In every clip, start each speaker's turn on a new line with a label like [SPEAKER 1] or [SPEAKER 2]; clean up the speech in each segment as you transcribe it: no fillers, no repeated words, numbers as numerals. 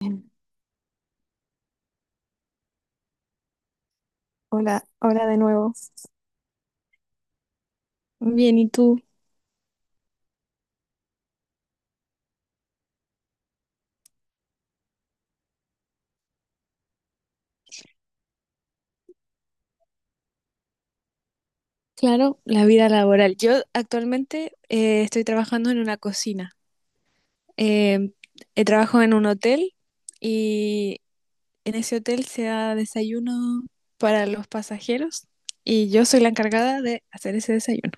[SPEAKER 1] Bien. Hola, hola de nuevo. Bien, ¿y tú? Claro, la vida laboral. Yo actualmente estoy trabajando en una cocina. Eh, Trabajo en un hotel y en ese hotel se da desayuno para los pasajeros y yo soy la encargada de hacer ese desayuno.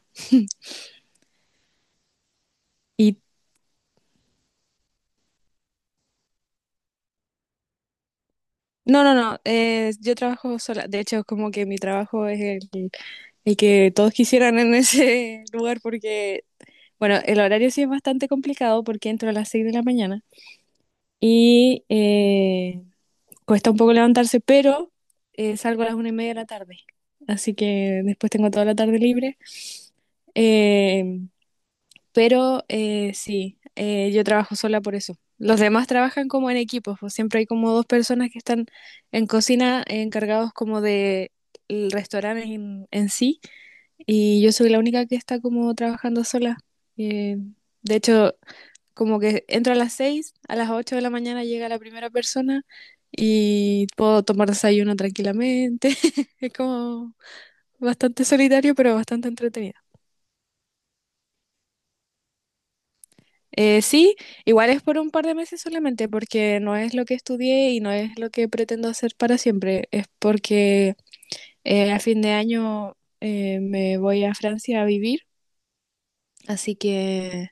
[SPEAKER 1] Y no, no, no, yo trabajo sola. De hecho, como que mi trabajo es el que todos quisieran en ese lugar porque, bueno, el horario sí es bastante complicado porque entro a las 6 de la mañana. Y cuesta un poco levantarse, pero salgo a las 1:30 de la tarde. Así que después tengo toda la tarde libre. Eh, pero sí, yo trabajo sola por eso. Los demás trabajan como en equipos, pues siempre hay como dos personas que están en cocina, encargados como de el restaurante en sí, y yo soy la única que está como trabajando sola. Eh, de hecho, como que entro a las 6, a las 8 de la mañana llega la primera persona y puedo tomar desayuno tranquilamente. Es como bastante solitario, pero bastante entretenido. Sí, igual es por un par de meses solamente, porque no es lo que estudié y no es lo que pretendo hacer para siempre. Es porque a fin de año me voy a Francia a vivir, así que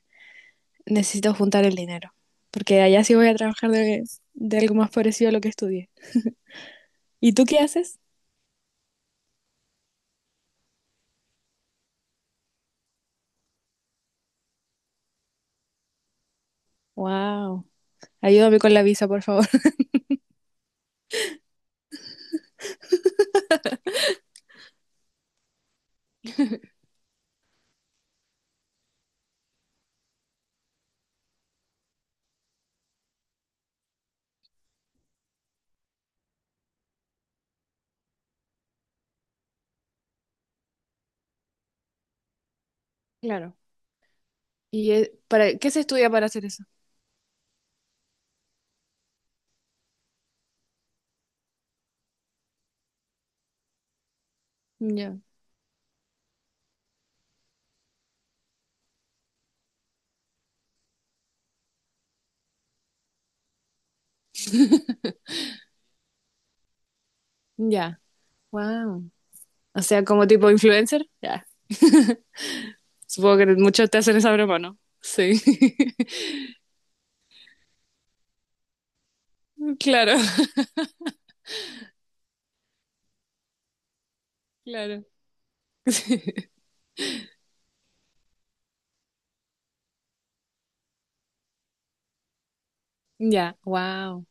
[SPEAKER 1] necesito juntar el dinero, porque allá sí voy a trabajar de, algo más parecido a lo que estudié. ¿Y tú qué haces? Wow. Ayúdame con la visa, por favor. Claro. ¿Y para qué se estudia para hacer eso? Ya. Ya. Wow. O sea, como tipo influencer. Ya. Supongo que muchos te hacen esa broma, ¿no? Sí. Claro, claro. Ya. Wow.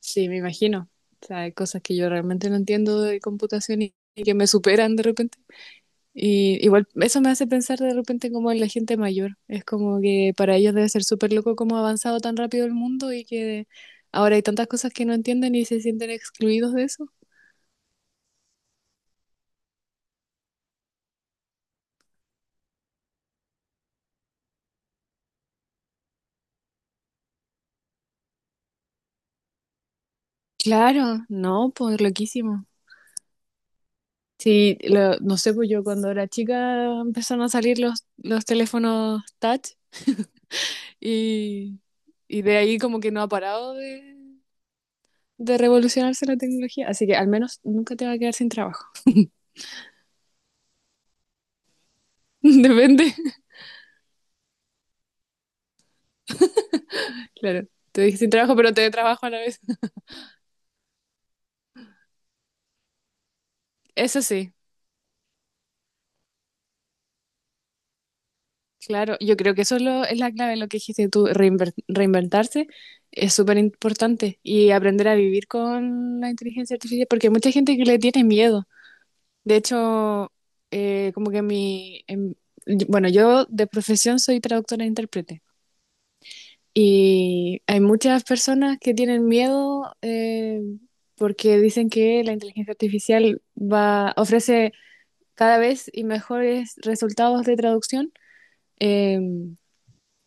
[SPEAKER 1] Sí, me imagino. O sea, hay cosas que yo realmente no entiendo de computación y que me superan de repente. Y igual eso me hace pensar de repente como en la gente mayor. Es como que para ellos debe ser súper loco cómo ha avanzado tan rápido el mundo y que ahora hay tantas cosas que no entienden y se sienten excluidos de eso. Claro, no, pues loquísimo. Sí, no sé, pues yo cuando era chica empezaron a salir los teléfonos touch y, y, de ahí como que no ha parado de revolucionarse la tecnología. Así que al menos nunca te va a quedar sin trabajo. Depende, claro. Te dije sin trabajo, pero te trabajo a la vez. Eso sí, claro. Yo creo que eso es, es la clave en lo que dijiste tú, reinventarse es súper importante y aprender a vivir con la inteligencia artificial, porque hay mucha gente que le tiene miedo. De hecho, como que bueno, yo de profesión soy traductora e intérprete y hay muchas personas que tienen miedo, porque dicen que la inteligencia artificial ofrece cada vez y mejores resultados de traducción. em,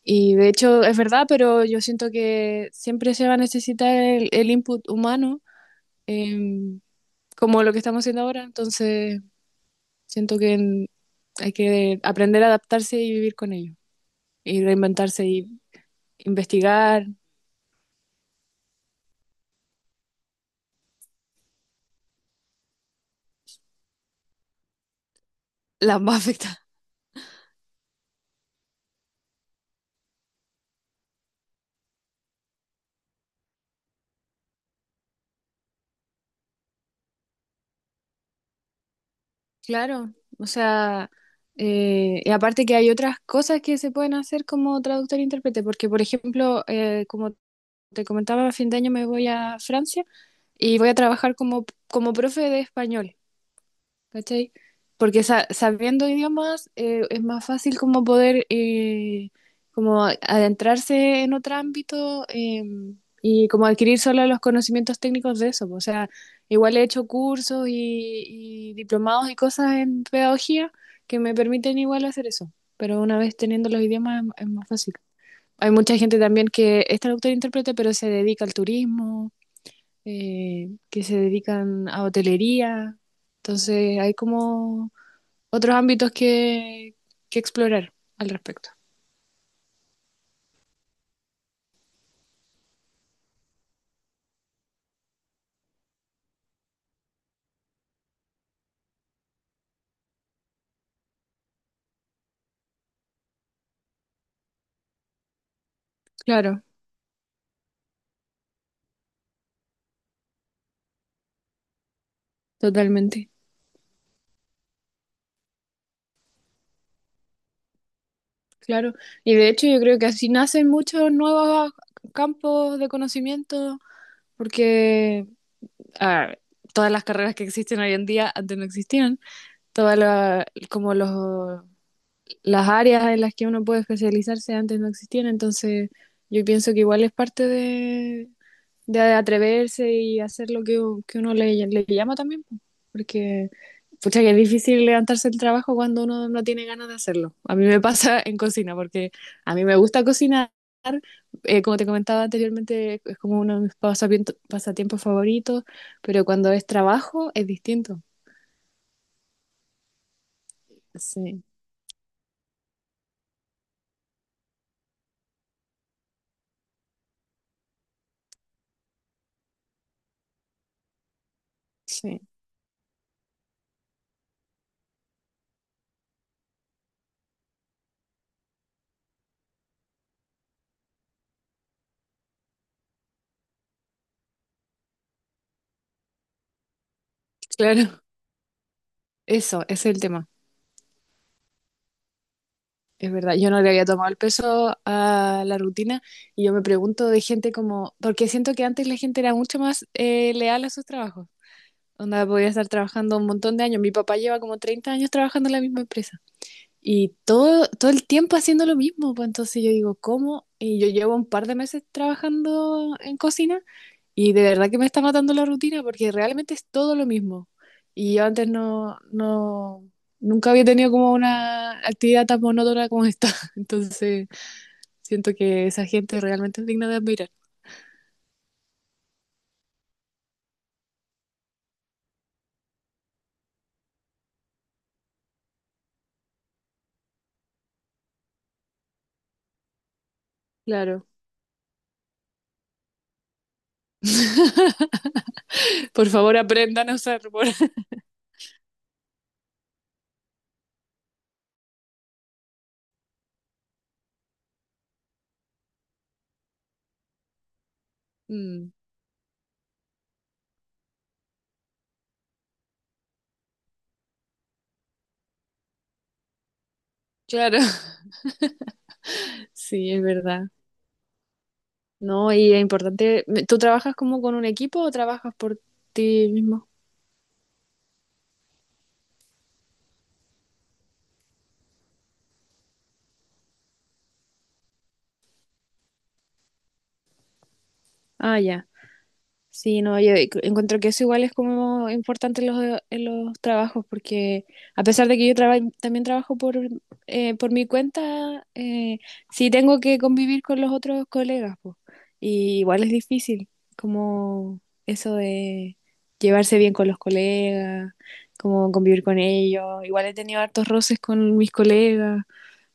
[SPEAKER 1] Y de hecho es verdad, pero yo siento que siempre se va a necesitar el, input humano, em, como lo que estamos haciendo ahora. Entonces siento que hay que aprender a adaptarse y vivir con ello. Y reinventarse y investigar las más afectadas. Claro, o sea, y aparte que hay otras cosas que se pueden hacer como traductor e intérprete, porque por ejemplo, como te comentaba, a fin de año me voy a Francia y voy a trabajar como, profe de español. ¿Cachai? Porque sabiendo idiomas, es más fácil como poder, como adentrarse en otro ámbito, y como adquirir solo los conocimientos técnicos de eso. O sea, igual he hecho cursos y, diplomados y cosas en pedagogía que me permiten igual hacer eso. Pero una vez teniendo los idiomas es más fácil. Hay mucha gente también que es traductor e intérprete, pero se dedica al turismo, que se dedican a hotelería. Entonces hay como otros ámbitos que explorar al respecto. Claro, totalmente. Claro. Y de hecho yo creo que así nacen muchos nuevos campos de conocimiento, porque a todas las carreras que existen hoy en día antes no existían. Todas como las áreas en las que uno puede especializarse antes no existían. Entonces yo pienso que igual es parte de atreverse y hacer lo que, uno le llama también, po. Porque pucha que es difícil levantarse el trabajo cuando uno no tiene ganas de hacerlo. A mí me pasa en cocina, porque a mí me gusta cocinar, como te comentaba anteriormente, es como uno de mis pasatiempos favoritos, pero cuando es trabajo es distinto. Sí, sí, claro, ese es el tema. Es verdad, yo no le había tomado el peso a la rutina y yo me pregunto de gente como, porque siento que antes la gente era mucho más, leal a sus trabajos, donde podía estar trabajando un montón de años. Mi papá lleva como 30 años trabajando en la misma empresa. Y todo, todo el tiempo haciendo lo mismo, pues entonces yo digo, ¿cómo? Y yo llevo un par de meses trabajando en cocina y de verdad que me está matando la rutina porque realmente es todo lo mismo. Y yo antes no, nunca había tenido como una actividad tan monótona como esta. Entonces siento que esa gente realmente es digna de admirar. Claro. Por favor, aprendan a usar. Mm, claro. Sí, es verdad. No, y es importante. ¿Tú trabajas como con un equipo o trabajas por ti mismo? Ah, ya. Sí, no, yo encuentro que eso igual es como importante en los trabajos, porque a pesar de que yo también trabajo por mi cuenta, sí tengo que convivir con los otros colegas, po. Y igual es difícil, como eso de llevarse bien con los colegas, como convivir con ellos. Igual he tenido hartos roces con mis colegas,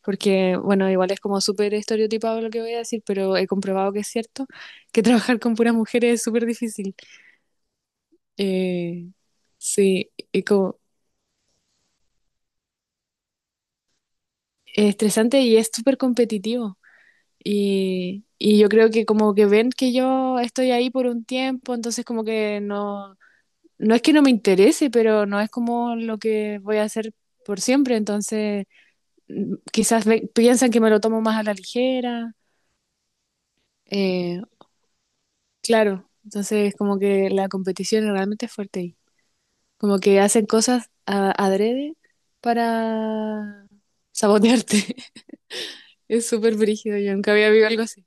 [SPEAKER 1] porque, bueno, igual es como súper estereotipado lo que voy a decir, pero he comprobado que es cierto, que trabajar con puras mujeres es súper difícil. Eh, sí, y como, es estresante y es súper competitivo. Y yo creo que como que ven que yo estoy ahí por un tiempo, entonces como que no, no es que no me interese, pero no es como lo que voy a hacer por siempre, entonces quizás piensan que me lo tomo más a la ligera. eh, Claro, entonces como que la competición es realmente fuerte ahí. Como que hacen cosas adrede para sabotearte. Es súper brígido, yo nunca había vivido algo así.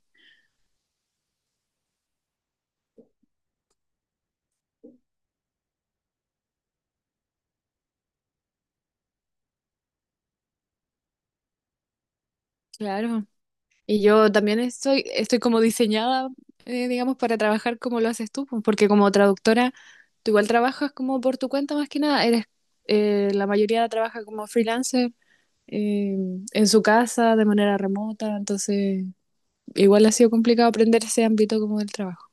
[SPEAKER 1] Claro. Y yo también estoy, como diseñada, digamos, para trabajar como lo haces tú, pues, porque como traductora, tú igual trabajas como por tu cuenta más que nada. La mayoría trabaja como freelancer, eh, en su casa, de manera remota, entonces igual ha sido complicado aprender ese ámbito como del trabajo.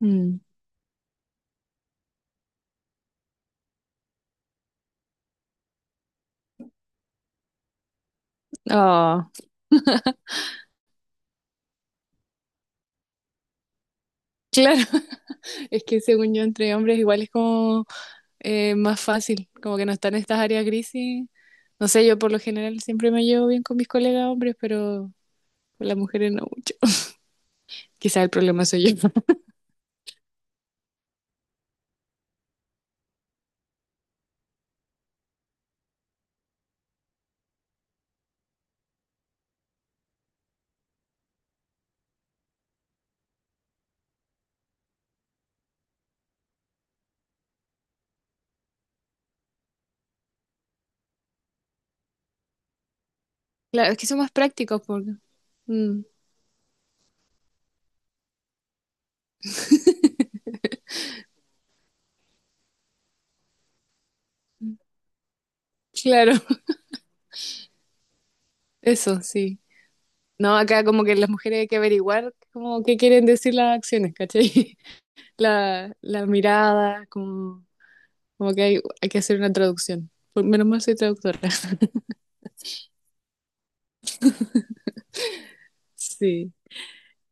[SPEAKER 1] Mm. Oh, claro, es que según yo entre hombres igual es como, más fácil, como que no están estas áreas grises. No sé, yo por lo general siempre me llevo bien con mis colegas hombres, pero con las mujeres no mucho. Quizás el problema soy yo. Claro, es que son más prácticos porque... Mm, claro, eso sí. No, acá como que las mujeres hay que averiguar como qué quieren decir las acciones, ¿cachai? La mirada, como, que hay que hacer una traducción. Menos mal soy traductora. Sí.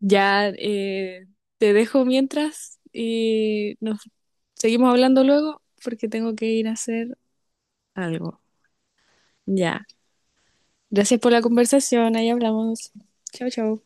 [SPEAKER 1] Ya, te dejo mientras y nos seguimos hablando luego porque tengo que ir a hacer algo. Ya. Gracias por la conversación. Ahí hablamos. Chao, chao.